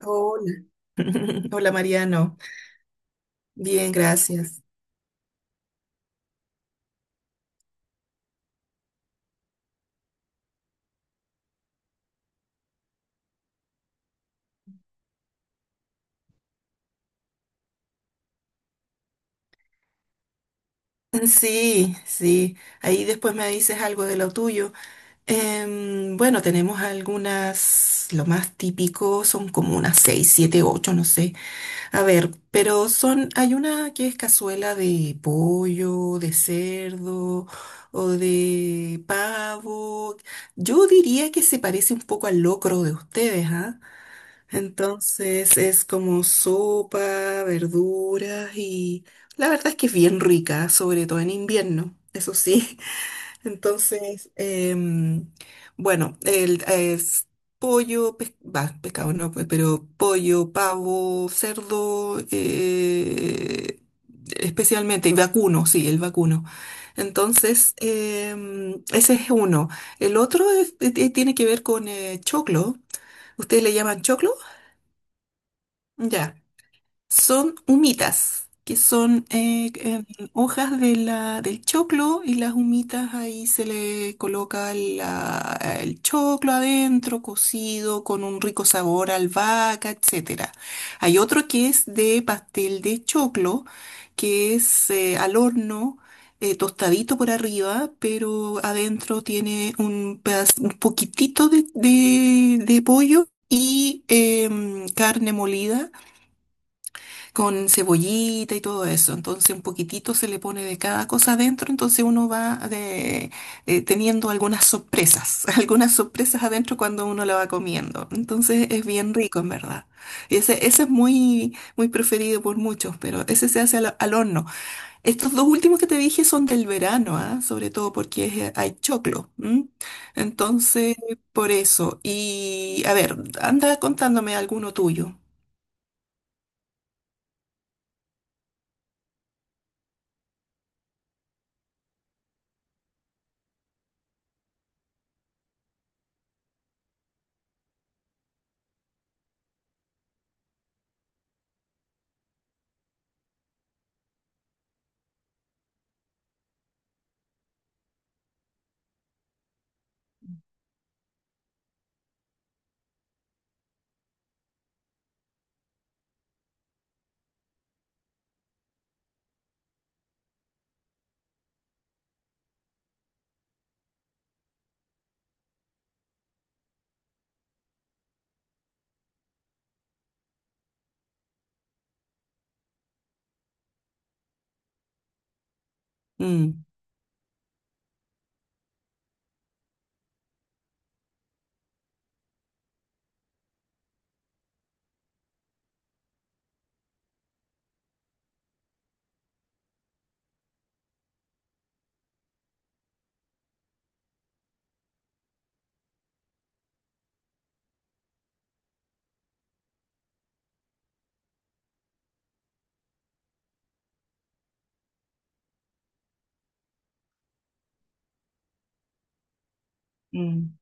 Hola, hola Mariano. Bien, gracias. Sí, sí. Ahí después me dices algo de lo tuyo. Bueno, tenemos algunas, lo más típico son como unas seis, siete, ocho, no sé. A ver, pero son, hay una que es cazuela de pollo, de cerdo o de pavo. Yo diría que se parece un poco al locro de ustedes, ¿ah? Entonces es como sopa, verduras y la verdad es que es bien rica, sobre todo en invierno, eso sí. Entonces, em, bueno, es pollo, bah, pescado no, pues, pero pollo, pavo, cerdo, especialmente, y vacuno, sí, el vacuno. Entonces, ese es uno. El otro tiene que ver con choclo. ¿Ustedes le llaman choclo? Ya. Son humitas, que son hojas de del choclo, y las humitas ahí se le coloca el choclo adentro, cocido, con un rico sabor a albahaca, etcétera. Hay otro que es de pastel de choclo, que es al horno. Tostadito por arriba, pero adentro tiene un, un poquitito de, de pollo y carne molida con cebollita y todo eso. Entonces un poquitito se le pone de cada cosa adentro, entonces uno va teniendo algunas sorpresas, algunas sorpresas adentro cuando uno la va comiendo. Entonces es bien rico en verdad. Y ese es muy, muy preferido por muchos, pero ese se hace al, al horno. Estos dos últimos que te dije son del verano, ¿ah? Sobre todo porque hay choclo. ¿M? Entonces, por eso. Y a ver, anda contándome alguno tuyo. Mm, mm,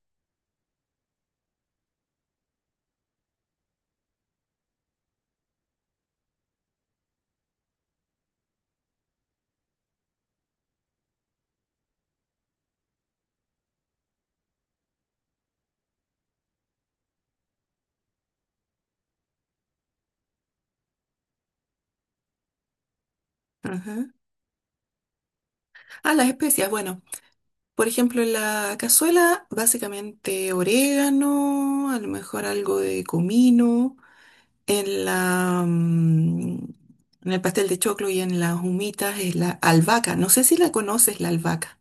ajá. Ah, las especias, bueno. Por ejemplo, en la cazuela, básicamente orégano, a lo mejor algo de comino. En la, mm, en el pastel de choclo y en las humitas es la albahaca. No sé si la conoces, la albahaca.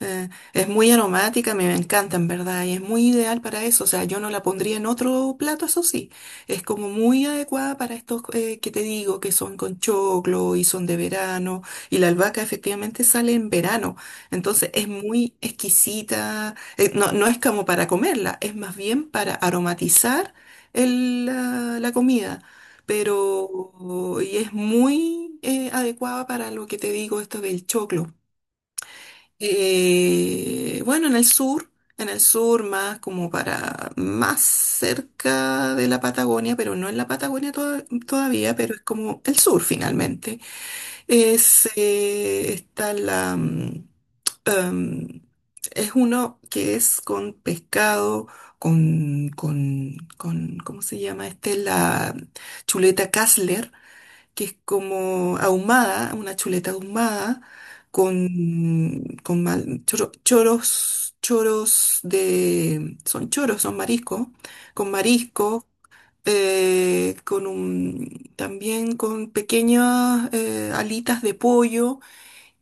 Es muy aromática, me encanta en verdad, y es muy ideal para eso. O sea, yo no la pondría en otro plato, eso sí. Es como muy adecuada para estos que te digo, que son con choclo y son de verano. Y la albahaca efectivamente sale en verano. Entonces es muy exquisita. No, no es como para comerla, es más bien para aromatizar la comida. Pero y es muy adecuada para lo que te digo, esto del choclo. Bueno, en el sur más como para más cerca de la Patagonia, pero no en la Patagonia todavía, pero es como el sur finalmente. Es, está la, mm, em, Es uno que es con pescado, con, ¿cómo se llama este? La chuleta Kassler, que es como ahumada, una chuleta ahumada, con choros, choros de, son choros, son mariscos, con marisco, con un, también con pequeñas alitas de pollo,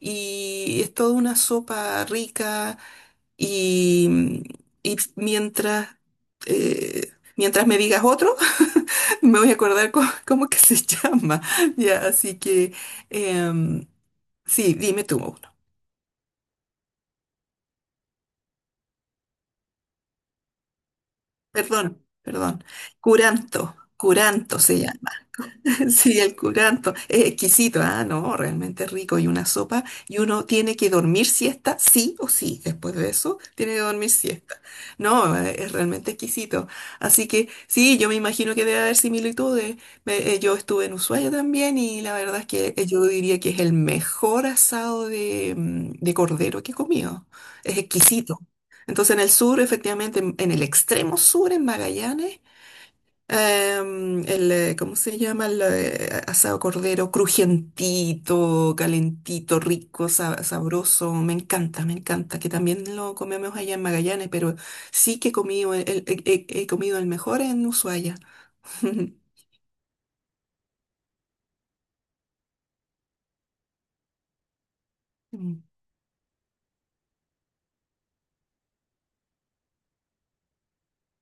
y es toda una sopa rica y, y mientras, mientras me digas otro, me voy a acordar cómo, que se llama. Ya, así que em, sí, dime tú uno. Perdón, perdón. Curanto, curanto se llama. Sí, el curanto es exquisito, ah, no, realmente rico, y una sopa y uno tiene que dormir siesta, sí o sí, después de eso tiene que dormir siesta. No, es realmente exquisito. Así que sí, yo me imagino que debe haber similitudes. Yo estuve en Ushuaia también, y la verdad es que yo diría que es el mejor asado de, mm, de cordero que he comido. Es exquisito. Entonces en el sur, efectivamente, en el extremo sur, en Magallanes, ¿cómo se llama? El asado cordero, crujientito, calentito, rico, sabroso. Me encanta, me encanta. Que también lo comemos allá en Magallanes, pero sí que he comido he comido el mejor en Ushuaia. Mm.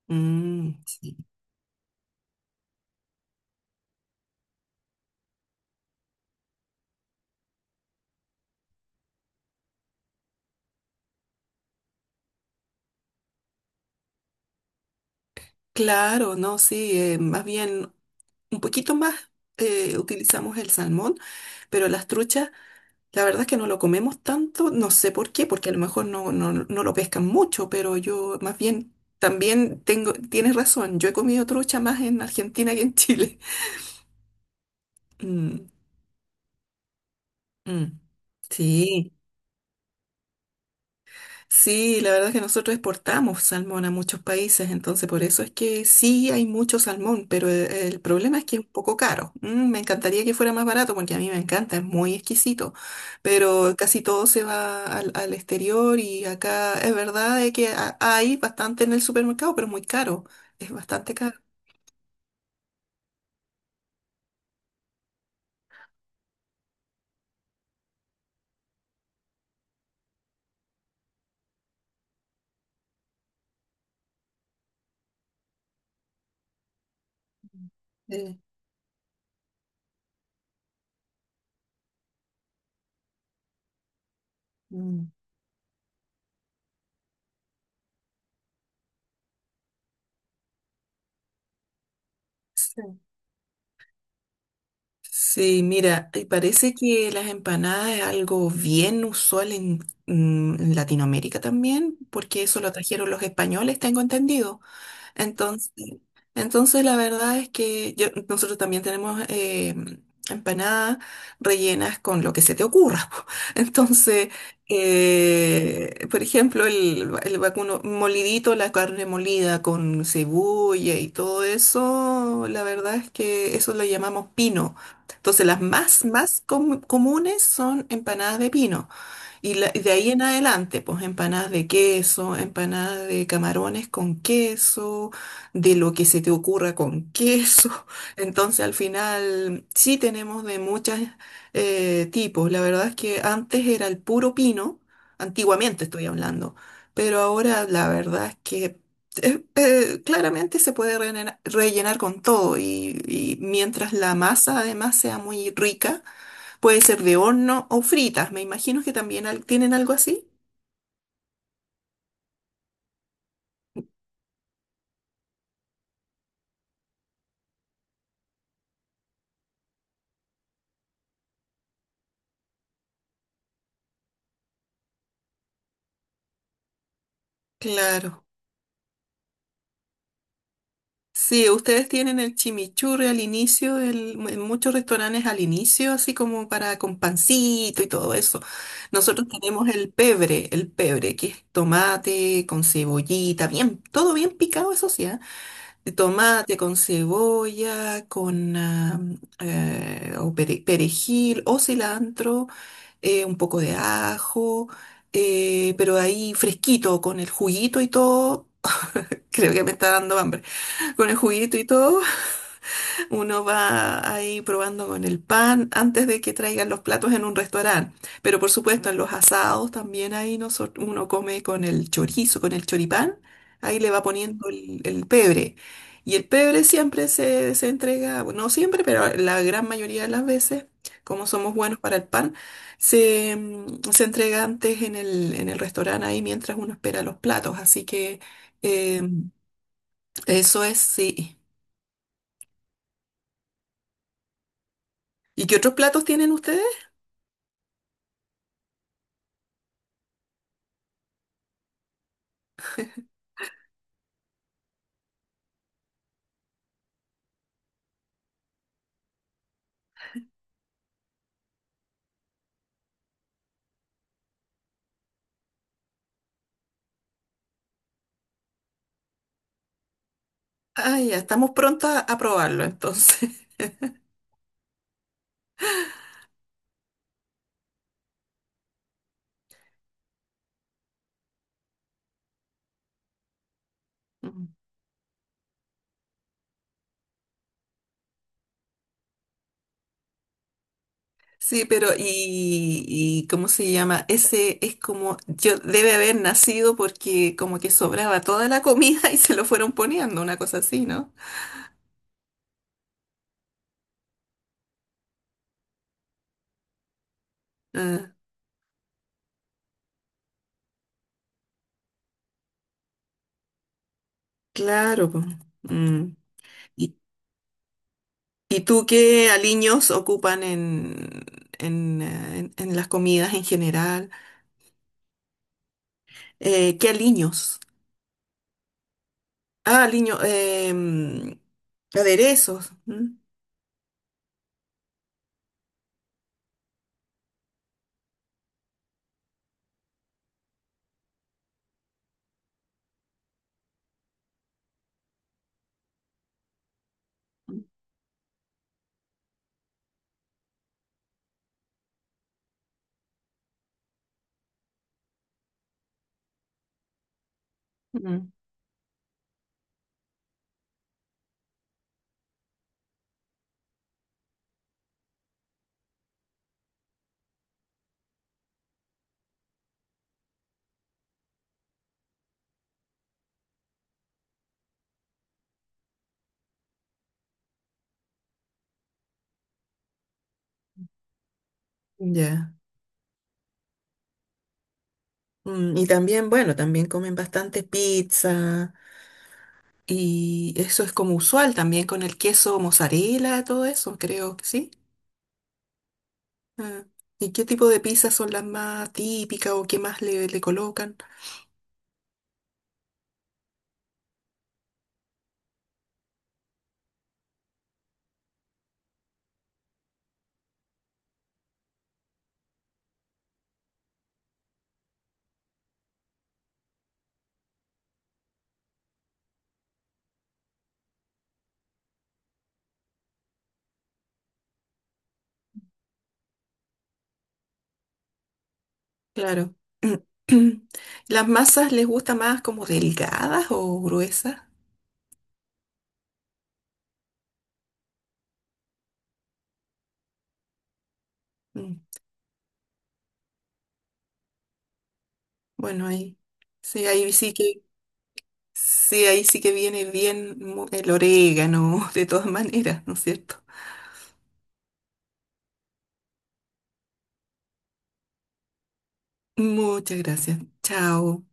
Mm, sí. Claro, no, sí, más bien un poquito más utilizamos el salmón, pero las truchas. La verdad es que no lo comemos tanto, no sé por qué, porque a lo mejor no, no, no lo pescan mucho, pero yo más bien también tengo, tienes razón, yo he comido trucha más en Argentina que en Chile. Mm, mm. Sí. Sí, la verdad es que nosotros exportamos salmón a muchos países, entonces por eso es que sí hay mucho salmón, pero el problema es que es un poco caro. Mm, me encantaría que fuera más barato porque a mí me encanta, es muy exquisito, pero casi todo se va al, al exterior, y acá es verdad de que hay bastante en el supermercado, pero muy caro, es bastante caro. Eh, mm. Sí, mira, y parece que las empanadas es algo bien usual en, mm, en Latinoamérica también, porque eso lo trajeron los españoles, tengo entendido. Entonces, entonces la verdad es que nosotros también tenemos empanadas rellenas con lo que se te ocurra. Po. Entonces, por ejemplo, el vacuno molidito, la carne molida con cebolla y todo eso, la verdad es que eso lo llamamos pino. Entonces, las más, más comunes son empanadas de pino. Y de ahí en adelante, pues empanadas de queso, empanadas de camarones con queso, de lo que se te ocurra con queso. Entonces al final sí tenemos de muchos tipos. La verdad es que antes era el puro pino, antiguamente estoy hablando, pero ahora la verdad es que claramente se puede rellenar, con todo y mientras la masa además sea muy rica. Puede ser de horno o fritas. Me imagino que también tienen algo así. Claro. Sí, ustedes tienen el chimichurri al inicio, en muchos restaurantes al inicio, así como para con pancito y todo eso. Nosotros tenemos el pebre, que es tomate con cebollita, bien, todo bien picado, eso sí, ¿ah? De tomate con cebolla, con ah, perejil o cilantro. Un poco de ajo, pero ahí fresquito, con el juguito y todo. Creo que me está dando hambre. Con el juguito y todo, uno va ahí probando con el pan antes de que traigan los platos en un restaurante. Pero por supuesto, en los asados también ahí uno come con el chorizo, con el choripán. Ahí le va poniendo el pebre. Y el pebre siempre se entrega, bueno, no siempre, pero la gran mayoría de las veces, como somos buenos para el pan, se entrega antes en en el restaurante ahí mientras uno espera los platos. Así que eh, eso es, sí. ¿Y qué otros platos tienen ustedes? Ah, ya, estamos prontos a probarlo entonces. Mm. Sí, pero y ¿cómo se llama? Ese es como, yo debe haber nacido porque como que sobraba toda la comida y se lo fueron poniendo, una cosa así, ¿no? Ah, claro. Po. Mm. ¿Y, y tú qué aliños ocupan en, en las comidas en general? ¿Qué aliños? Ah, aliños, aderezos. Mm. Mm. Ya. Mm, y también, bueno, también comen bastante pizza, y eso es como usual también con el queso mozzarella, todo eso, creo que sí. Ah, ¿y qué tipo de pizzas son las más típicas o qué más le colocan? Claro. ¿Las masas les gusta más como delgadas o gruesas? Mm, bueno, ahí sí que sí, ahí sí que viene bien el orégano, de todas maneras, ¿no es cierto? Muchas gracias. Chao.